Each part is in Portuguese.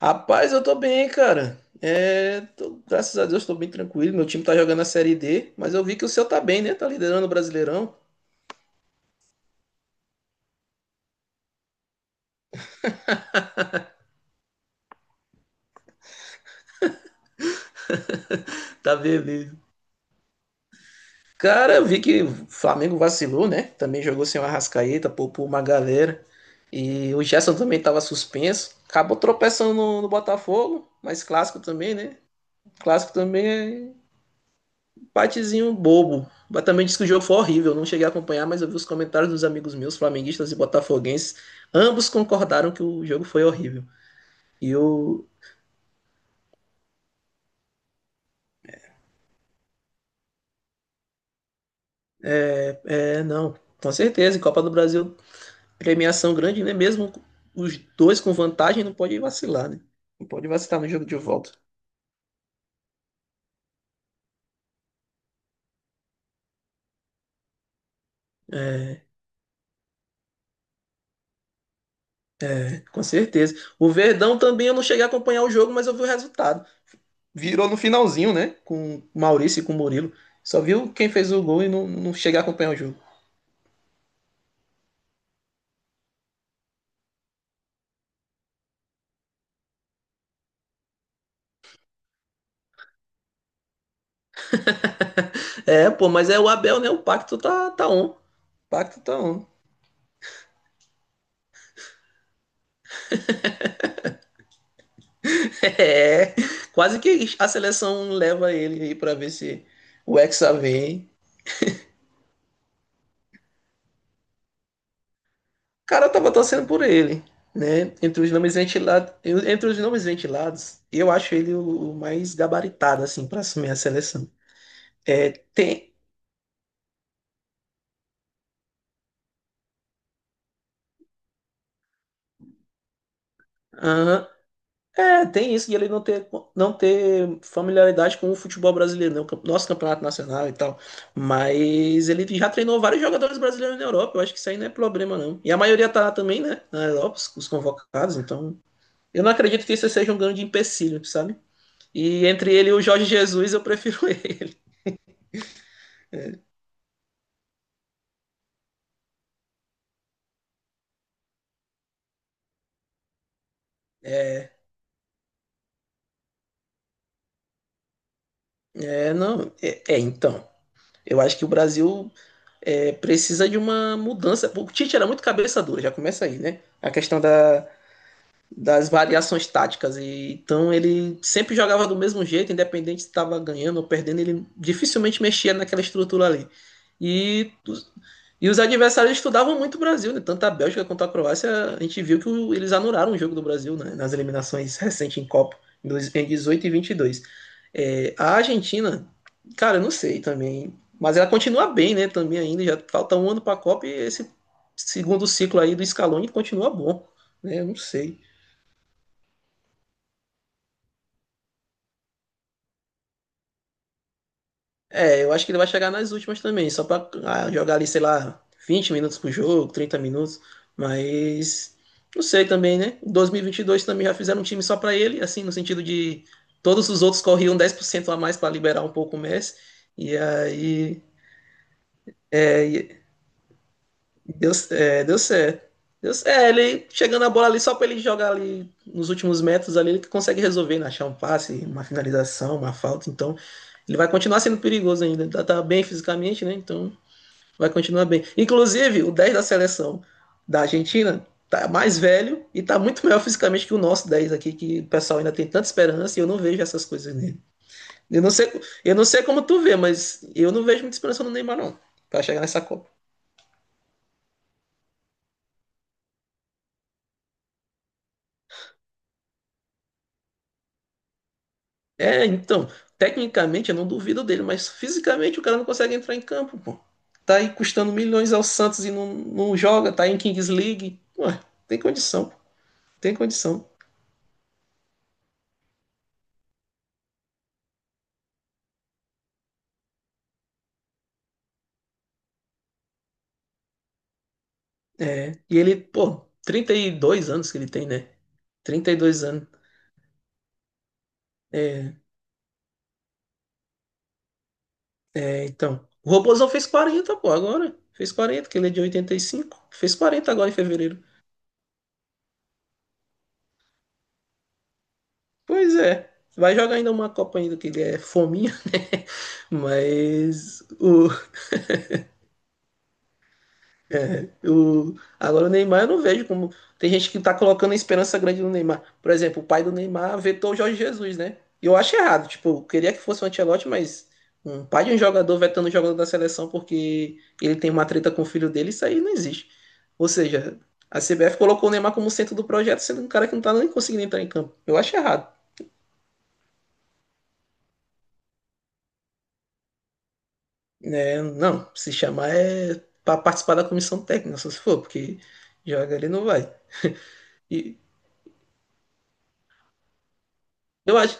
Rapaz, eu tô bem, cara. É, graças a Deus tô bem tranquilo. Meu time tá jogando a Série D, mas eu vi que o seu tá bem, né? Tá liderando o Brasileirão. Tá beleza. Cara, eu vi que o Flamengo vacilou, né? Também jogou sem o Arrascaeta, poupou uma galera. E o Gerson também tava suspenso. Acabou tropeçando no Botafogo, mas clássico também, né? Clássico também é empatezinho bobo. Mas também disse que o jogo foi horrível. Não cheguei a acompanhar, mas eu vi os comentários dos amigos meus, flamenguistas e botafoguenses. Ambos concordaram que o jogo foi horrível. E eu. É, não. Com certeza. E Copa do Brasil, premiação grande, né? Mesmo os dois com vantagem, não pode vacilar, né? Não pode vacilar no jogo de volta. É, é, com certeza. O Verdão também eu não cheguei a acompanhar o jogo, mas eu vi o resultado. Virou no finalzinho, né? Com o Maurício e com o Murilo. Só viu quem fez o gol e não cheguei a acompanhar o jogo. É, pô, mas é o Abel, né? O pacto tá on. O pacto tá on. É, quase que a seleção leva ele aí pra ver se o Hexa vem. O cara tava torcendo por ele, né? Entre os nomes ventilados, eu acho ele o mais gabaritado, assim, para assumir a seleção. É, tem. Aham. É, tem isso de ele não ter familiaridade com o futebol brasileiro, né? Nosso campeonato nacional e tal. Mas ele já treinou vários jogadores brasileiros na Europa. Eu acho que isso aí não é problema, não. E a maioria tá lá também, né? Na Europa, os convocados. Então, eu não acredito que isso seja um grande empecilho, sabe? E entre ele e o Jorge Jesus, eu prefiro ele. É, não. É, então. Eu acho que o Brasil precisa de uma mudança. O Tite era muito cabeça dura, já começa aí, né? A questão da das variações táticas. E então ele sempre jogava do mesmo jeito, independente se estava ganhando ou perdendo, ele dificilmente mexia naquela estrutura ali. E, e os adversários estudavam muito o Brasil, né? Tanto a Bélgica quanto a Croácia, a gente viu que eles anularam o jogo do Brasil, né, nas eliminações recentes em Copa, em 18 e 22. É, a Argentina, cara, eu não sei também, mas ela continua bem, né? Também ainda, já falta um ano para a Copa e esse segundo ciclo aí do Scaloni continua bom, né? Eu não sei. É, eu acho que ele vai chegar nas últimas também, só pra jogar ali, sei lá, 20 minutos por jogo, 30 minutos. Mas não sei também, né? Em 2022 também já fizeram um time só pra ele, assim, no sentido de todos os outros corriam 10% a mais pra liberar um pouco o Messi. E aí deu certo. Deu, é, ele chegando a bola ali só pra ele jogar ali nos últimos metros ali, ele consegue resolver, né? Achar um passe, uma finalização, uma falta. Então ele vai continuar sendo perigoso ainda. Tá bem fisicamente, né? Então vai continuar bem. Inclusive, o 10 da seleção da Argentina tá mais velho e tá muito melhor fisicamente que o nosso 10 aqui, que o pessoal ainda tem tanta esperança e eu não vejo essas coisas nele. Eu não sei, eu não sei como tu vê, mas eu não vejo muita esperança no Neymar, não, pra chegar nessa Copa. É, então, tecnicamente eu não duvido dele, mas fisicamente o cara não consegue entrar em campo, pô. Tá aí custando milhões ao Santos e não joga, tá aí em Kings League. Ué, tem condição, pô. Tem condição. É, e ele, pô, 32 anos que ele tem, né? 32 anos. É, é, então. O Robozão fez 40, pô, agora. Fez 40, que ele é de 85. Fez 40 agora em fevereiro. Pois é. Vai jogar ainda uma Copa ainda, que ele é fominha, né? Mas o, Agora o Neymar eu não vejo como. Tem gente que tá colocando esperança grande no Neymar. Por exemplo, o pai do Neymar vetou o Jorge Jesus, né? E eu acho errado. Tipo, eu queria que fosse o Ancelotti, mas um pai de um jogador vetando o jogador da seleção porque ele tem uma treta com o filho dele, isso aí não existe. Ou seja, a CBF colocou o Neymar como centro do projeto, sendo um cara que não tá nem conseguindo entrar em campo. Eu acho errado. É, não, se chamar é para participar da comissão técnica, só se for, porque joga ele não vai. E eu acho.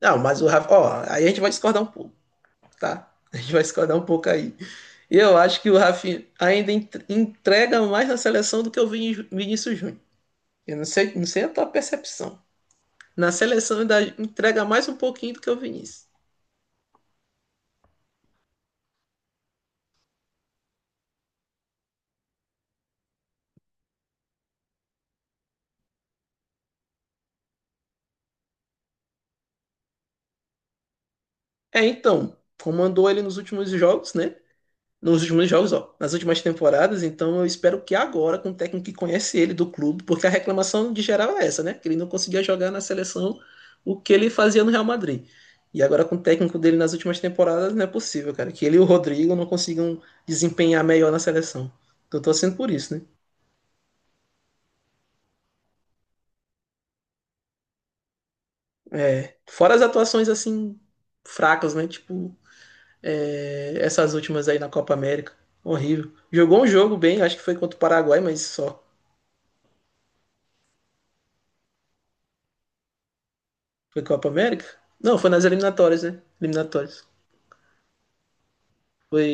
Não, mas o Rafa. Ó, aí a gente vai discordar um pouco, tá? A gente vai discordar um pouco aí. Eu acho que o Rafinha ainda entrega mais na seleção do que o Vinícius Júnior. Eu não sei, não sei a tua percepção. Na seleção ainda entrega mais um pouquinho do que o Vinícius. É, então, comandou ele nos últimos jogos, né? nos últimos jogos, ó, nas últimas temporadas, então eu espero que agora, com o técnico que conhece ele do clube, porque a reclamação de geral é essa, né? Que ele não conseguia jogar na seleção o que ele fazia no Real Madrid. E agora com o técnico dele nas últimas temporadas, não é possível, cara, que ele e o Rodrigo não consigam desempenhar melhor na seleção. Então, eu tô torcendo por isso, né? É, fora as atuações assim fracas, né? Tipo, essas últimas aí na Copa América. Horrível. Jogou um jogo bem, acho que foi contra o Paraguai, mas só. Foi Copa América? Não, foi nas eliminatórias, né? Eliminatórias. Foi,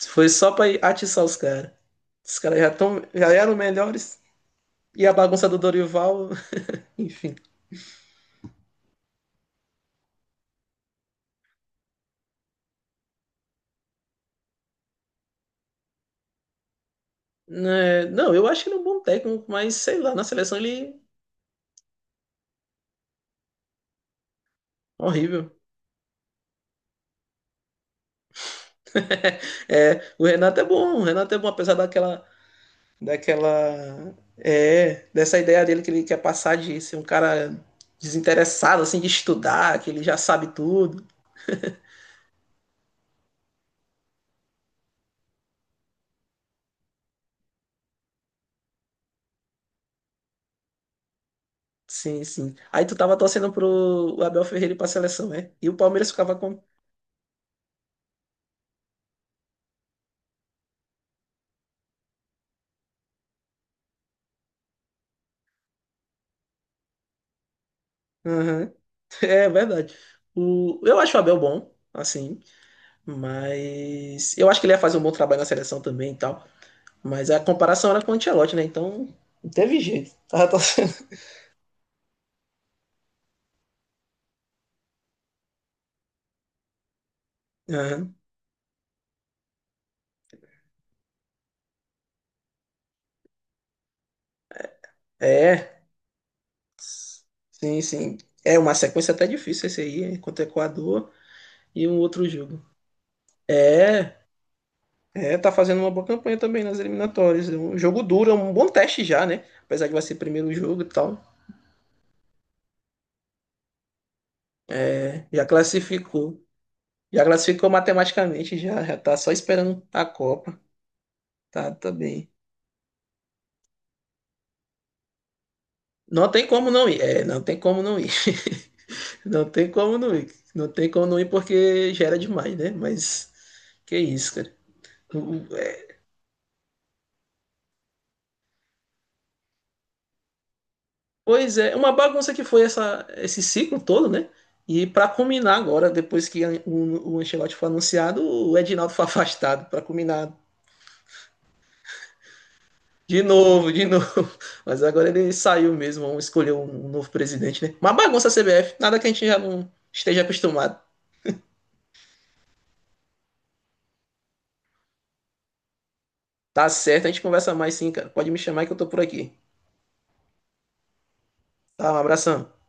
foi só pra atiçar os caras. Os caras já eram melhores. E a bagunça do Dorival, enfim. É, não, eu acho ele é um bom técnico, mas sei lá, na seleção ele é horrível. É, o Renato é bom, apesar daquela, dessa ideia dele que ele quer passar de ser um cara desinteressado, assim, de estudar, que ele já sabe tudo. Sim, sim. Aí tu tava torcendo pro Abel Ferreira ir pra seleção, né? E o Palmeiras ficava com. Aham. É verdade. Eu acho o Abel bom, assim, mas eu acho que ele ia fazer um bom trabalho na seleção também e tal. Mas a comparação era com o Ancelotti, né? Então não teve jeito. Tava torcendo. Aham. É. Sim, sim. É uma sequência até difícil, esse aí, hein, contra o Equador e um outro jogo. É. É, tá fazendo uma boa campanha também nas eliminatórias. É um jogo duro, é um bom teste já, né? Apesar que vai ser primeiro jogo e tal. É, já classificou. Já classificou matematicamente, já tá só esperando a Copa. Tá bem. Não tem como não ir. É, não tem como não ir. Não tem como não ir. Não tem como não ir porque gera demais, né? Mas que isso, cara. Pois é, uma bagunça que foi essa, esse ciclo todo, né? E para culminar agora, depois o Ancelotti foi anunciado, o Edinaldo foi afastado para culminar de novo, de novo. Mas agora ele saiu mesmo, vamos escolher um novo presidente, né? Uma bagunça a CBF, nada que a gente já não esteja acostumado. Tá certo, a gente conversa mais sim, cara. Pode me chamar que eu tô por aqui. Tá, um abração.